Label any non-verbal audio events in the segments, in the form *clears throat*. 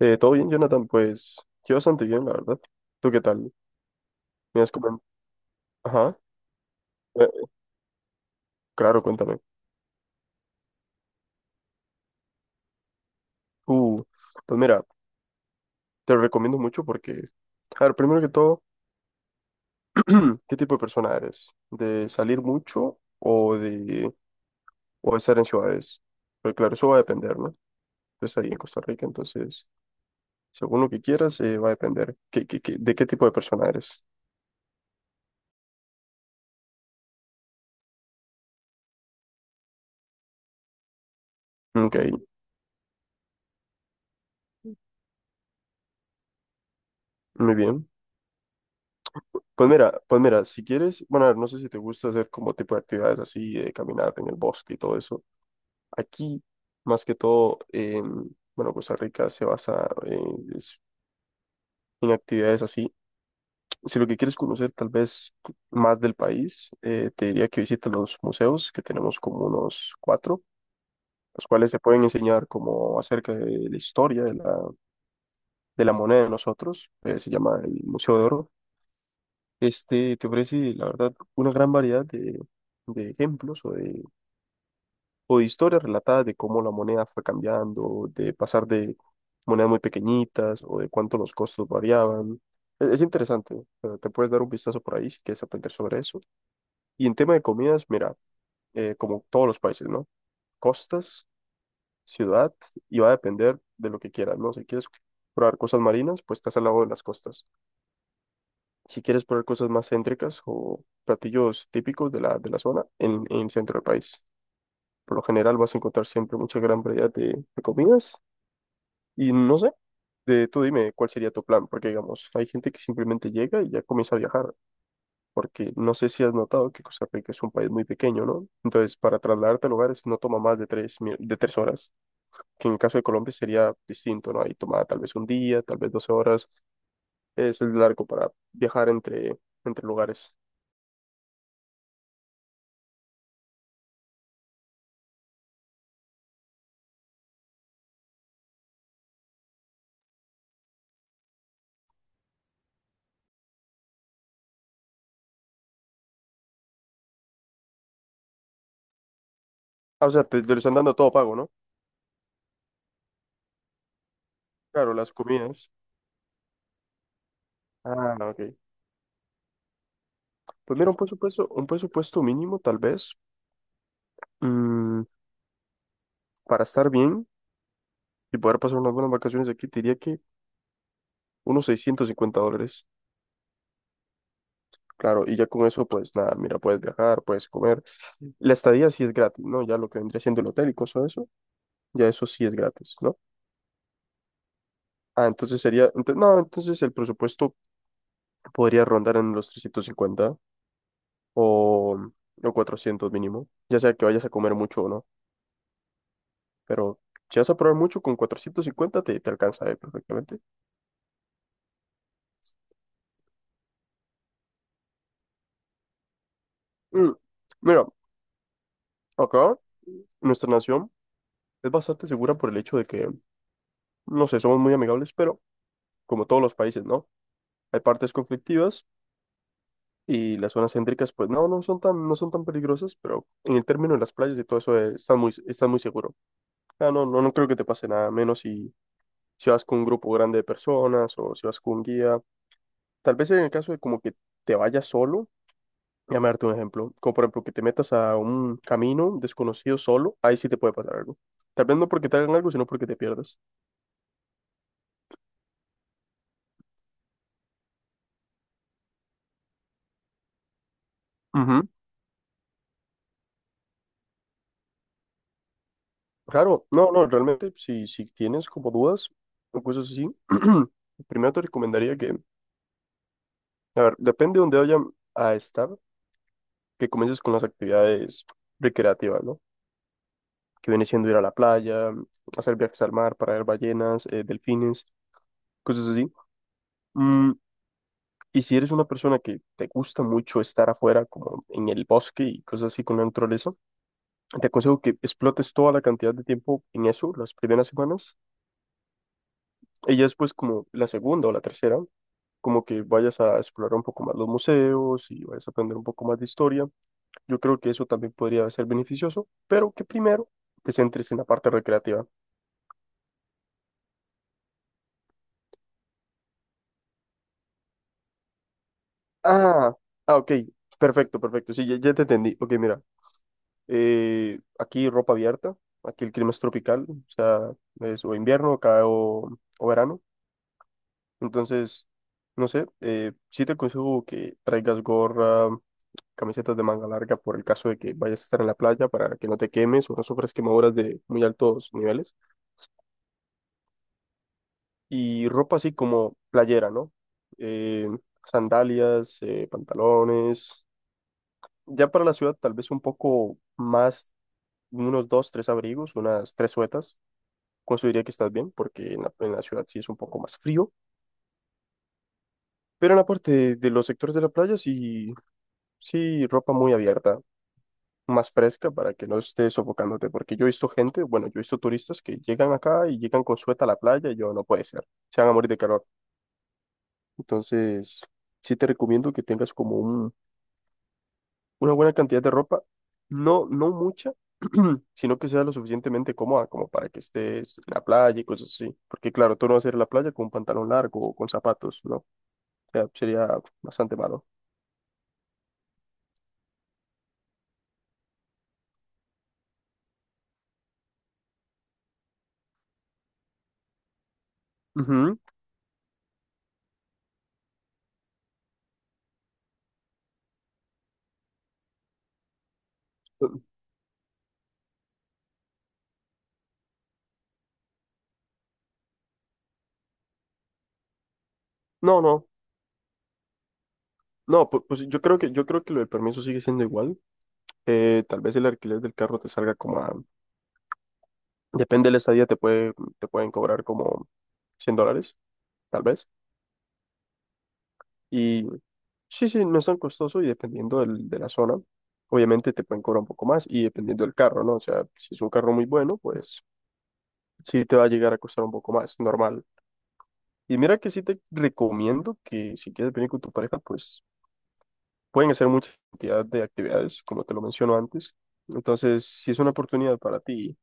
¿Todo bien, Jonathan? Pues yo bastante bien, la verdad. ¿Tú qué tal? ¿Me has comen- Ajá. Eh, claro, cuéntame. Uh, pues mira, te lo recomiendo mucho porque, a ver, primero que todo, *clears throat* ¿qué tipo de persona eres? ¿De salir mucho o de estar en ciudades? Pues claro, eso va a depender, ¿no? Estás ahí en Costa Rica, entonces, según lo que quieras, va a depender. ¿De qué tipo de persona eres? Ok, muy bien. Pues mira, si quieres, bueno, a ver, no sé si te gusta hacer como tipo de actividades así, de caminar en el bosque y todo eso. Aquí, más que todo, bueno, Costa Rica se basa en actividades así. Si lo que quieres conocer tal vez más del país, te diría que visites los museos, que tenemos como unos cuatro, los cuales te pueden enseñar como acerca de la historia de la moneda de nosotros. Se llama el Museo de Oro. Este te ofrece, la verdad, una gran variedad de ejemplos o de historias relatadas de cómo la moneda fue cambiando, de pasar de monedas muy pequeñitas o de cuánto los costos variaban. Es interesante, te puedes dar un vistazo por ahí si quieres aprender sobre eso. Y en tema de comidas, mira, como todos los países, ¿no? Costas, ciudad, y va a depender de lo que quieras, ¿no? Si quieres probar cosas marinas, pues estás al lado de las costas. Si quieres probar cosas más céntricas o platillos típicos de la zona en el centro del país. Por lo general vas a encontrar siempre mucha gran variedad de comidas y no sé, tú dime cuál sería tu plan, porque digamos, hay gente que simplemente llega y ya comienza a viajar, porque no sé si has notado que Costa Rica es un país muy pequeño, ¿no? Entonces, para trasladarte a lugares no toma más de tres horas, que en el caso de Colombia sería distinto, ¿no? Ahí toma tal vez un día, tal vez 12 horas, es largo para viajar entre, entre lugares. Ah, o sea, te lo están dando todo pago, ¿no? Claro, las comidas. Ah, ok. Pues mira, un presupuesto mínimo, tal vez, mm, para estar bien y poder pasar unas buenas vacaciones aquí, te diría que unos $650. Claro, y ya con eso, pues nada, mira, puedes viajar, puedes comer. La estadía sí es gratis, ¿no? Ya lo que vendría siendo el hotel y cosas de eso, ya eso sí es gratis, ¿no? Ah, entonces no, entonces el presupuesto podría rondar en los 350 o, o 400 mínimo, ya sea que vayas a comer mucho o no. Pero si vas a probar mucho, con 450 te alcanza perfectamente. Mm, Mira, acá nuestra nación es bastante segura por el hecho de que, no sé, somos muy amigables, pero como todos los países, ¿no? Hay partes conflictivas y las zonas céntricas, pues no, no son tan peligrosas, pero en el término de las playas y todo eso está muy seguro. Ah, no, no, no creo que te pase nada, menos si vas con un grupo grande de personas o si vas con un guía. Tal vez en el caso de como que te vayas solo, déjame darte un ejemplo. Como por ejemplo que te metas a un camino desconocido solo, ahí sí te puede pasar algo. Tal vez no porque te hagan algo, sino porque te pierdas. Ujú. Claro, no, no, realmente si tienes como dudas o cosas así, *clears throat* primero te recomendaría que, a ver, depende de dónde vayan a estar, que comiences con las actividades recreativas, ¿no? Que viene siendo ir a la playa, hacer viajes al mar para ver ballenas, delfines, cosas así. Mm, Y si eres una persona que te gusta mucho estar afuera, como en el bosque y cosas así con la naturaleza, te aconsejo que explotes toda la cantidad de tiempo en eso, las primeras semanas, y ya después como la segunda o la tercera, como que vayas a explorar un poco más los museos y vayas a aprender un poco más de historia. Yo creo que eso también podría ser beneficioso, pero que primero te centres en la parte recreativa. Ah, ah, ok, perfecto, perfecto, sí, ya, ya te entendí. Ok, mira. Aquí ropa abierta, aquí el clima es tropical, o sea, es o invierno acá o verano. Entonces, no sé, sí te aconsejo que traigas gorra, camisetas de manga larga por el caso de que vayas a estar en la playa para que no te quemes o no sufras quemaduras de muy altos niveles. Y ropa así como playera, ¿no? Eh, Sandalias, pantalones. Ya para la ciudad tal vez un poco más, unos dos, tres abrigos, unas tres suetas. Consideraría que estás bien, porque en la, ciudad sí es un poco más frío, pero en la parte de los sectores de la playa sí, sí, ropa muy abierta, más fresca para que no estés sofocándote, porque yo he visto gente, bueno, yo he visto turistas que llegan acá y llegan con sueta a la playa y yo no puede ser, se van a morir de calor. Entonces, sí te recomiendo que tengas como un, una buena cantidad de ropa, no, no mucha, *clears throat* sino que sea lo suficientemente cómoda como para que estés en la playa y cosas así, porque claro, tú no vas a ir a la playa con un pantalón largo o con zapatos, ¿no? sea, sería bastante malo. Ujú. No, no, no, pues, yo creo que lo del permiso sigue siendo igual. Tal vez el alquiler del carro te salga como a, depende de la estadía, te pueden cobrar como $100, tal vez. Y sí, sí, no es tan costoso y dependiendo de la zona, obviamente te pueden cobrar un poco más y dependiendo del carro, ¿no? O sea, si es un carro muy bueno, pues sí te va a llegar a costar un poco más, normal. Y mira que sí te recomiendo que si quieres venir con tu pareja, pues pueden hacer mucha cantidad de actividades, como te lo menciono antes. Entonces, si es una oportunidad para ti,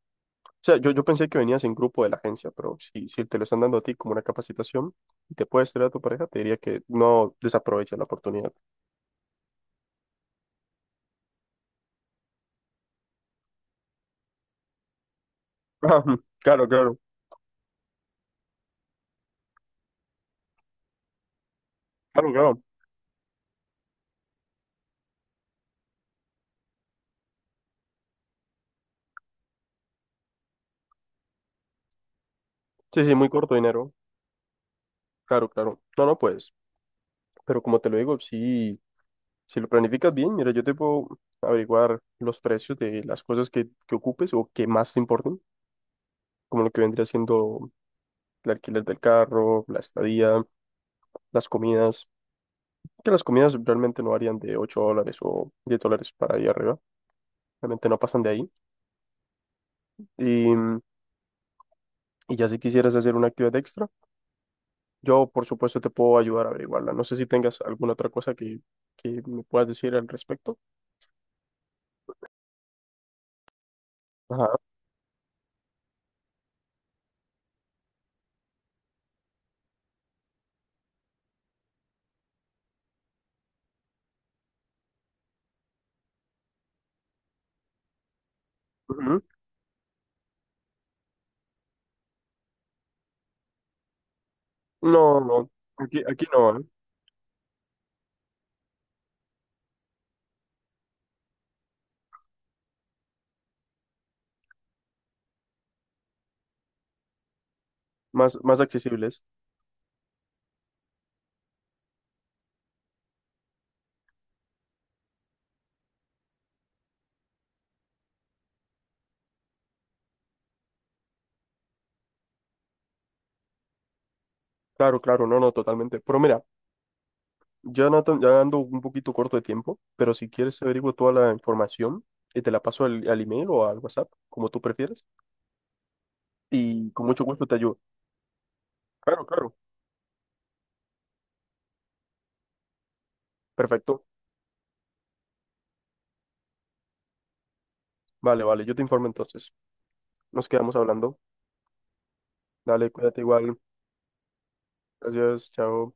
o sea, yo pensé que venías en grupo de la agencia, pero si te lo están dando a ti como una capacitación y te puedes traer a tu pareja, te diría que no desaproveches la oportunidad. *laughs* Ah, claro, claro, claro, claro. Sí, sí, muy corto dinero. Claro, claro. No, no, pues, pero como te lo digo, si lo planificas bien, mira, yo te puedo averiguar los precios de las cosas que ocupes o que más te importen, como lo que vendría siendo el alquiler del carro, la estadía, las comidas, que las comidas realmente no varían de $8 o $10 para ahí arriba, realmente no pasan de ahí. Y, mm, y ya si quisieras hacer una actividad extra, yo por supuesto te puedo ayudar a averiguarla. No sé si tengas alguna otra cosa que me puedas decir al respecto. Ajá. Ujú. No, no, aquí no, ¿eh? Más, más accesibles. Claro, claro, no, no, totalmente. Pero mira, ya, Nathan, ya ando un poquito corto de tiempo, pero si quieres averiguo toda la información y te la paso al email o al WhatsApp, como tú prefieres, y con mucho gusto te ayudo. Claro, claro. Perfecto. Vale, vale, yo te informo entonces. Nos quedamos hablando. Dale, cuídate igual. Gracias, chao.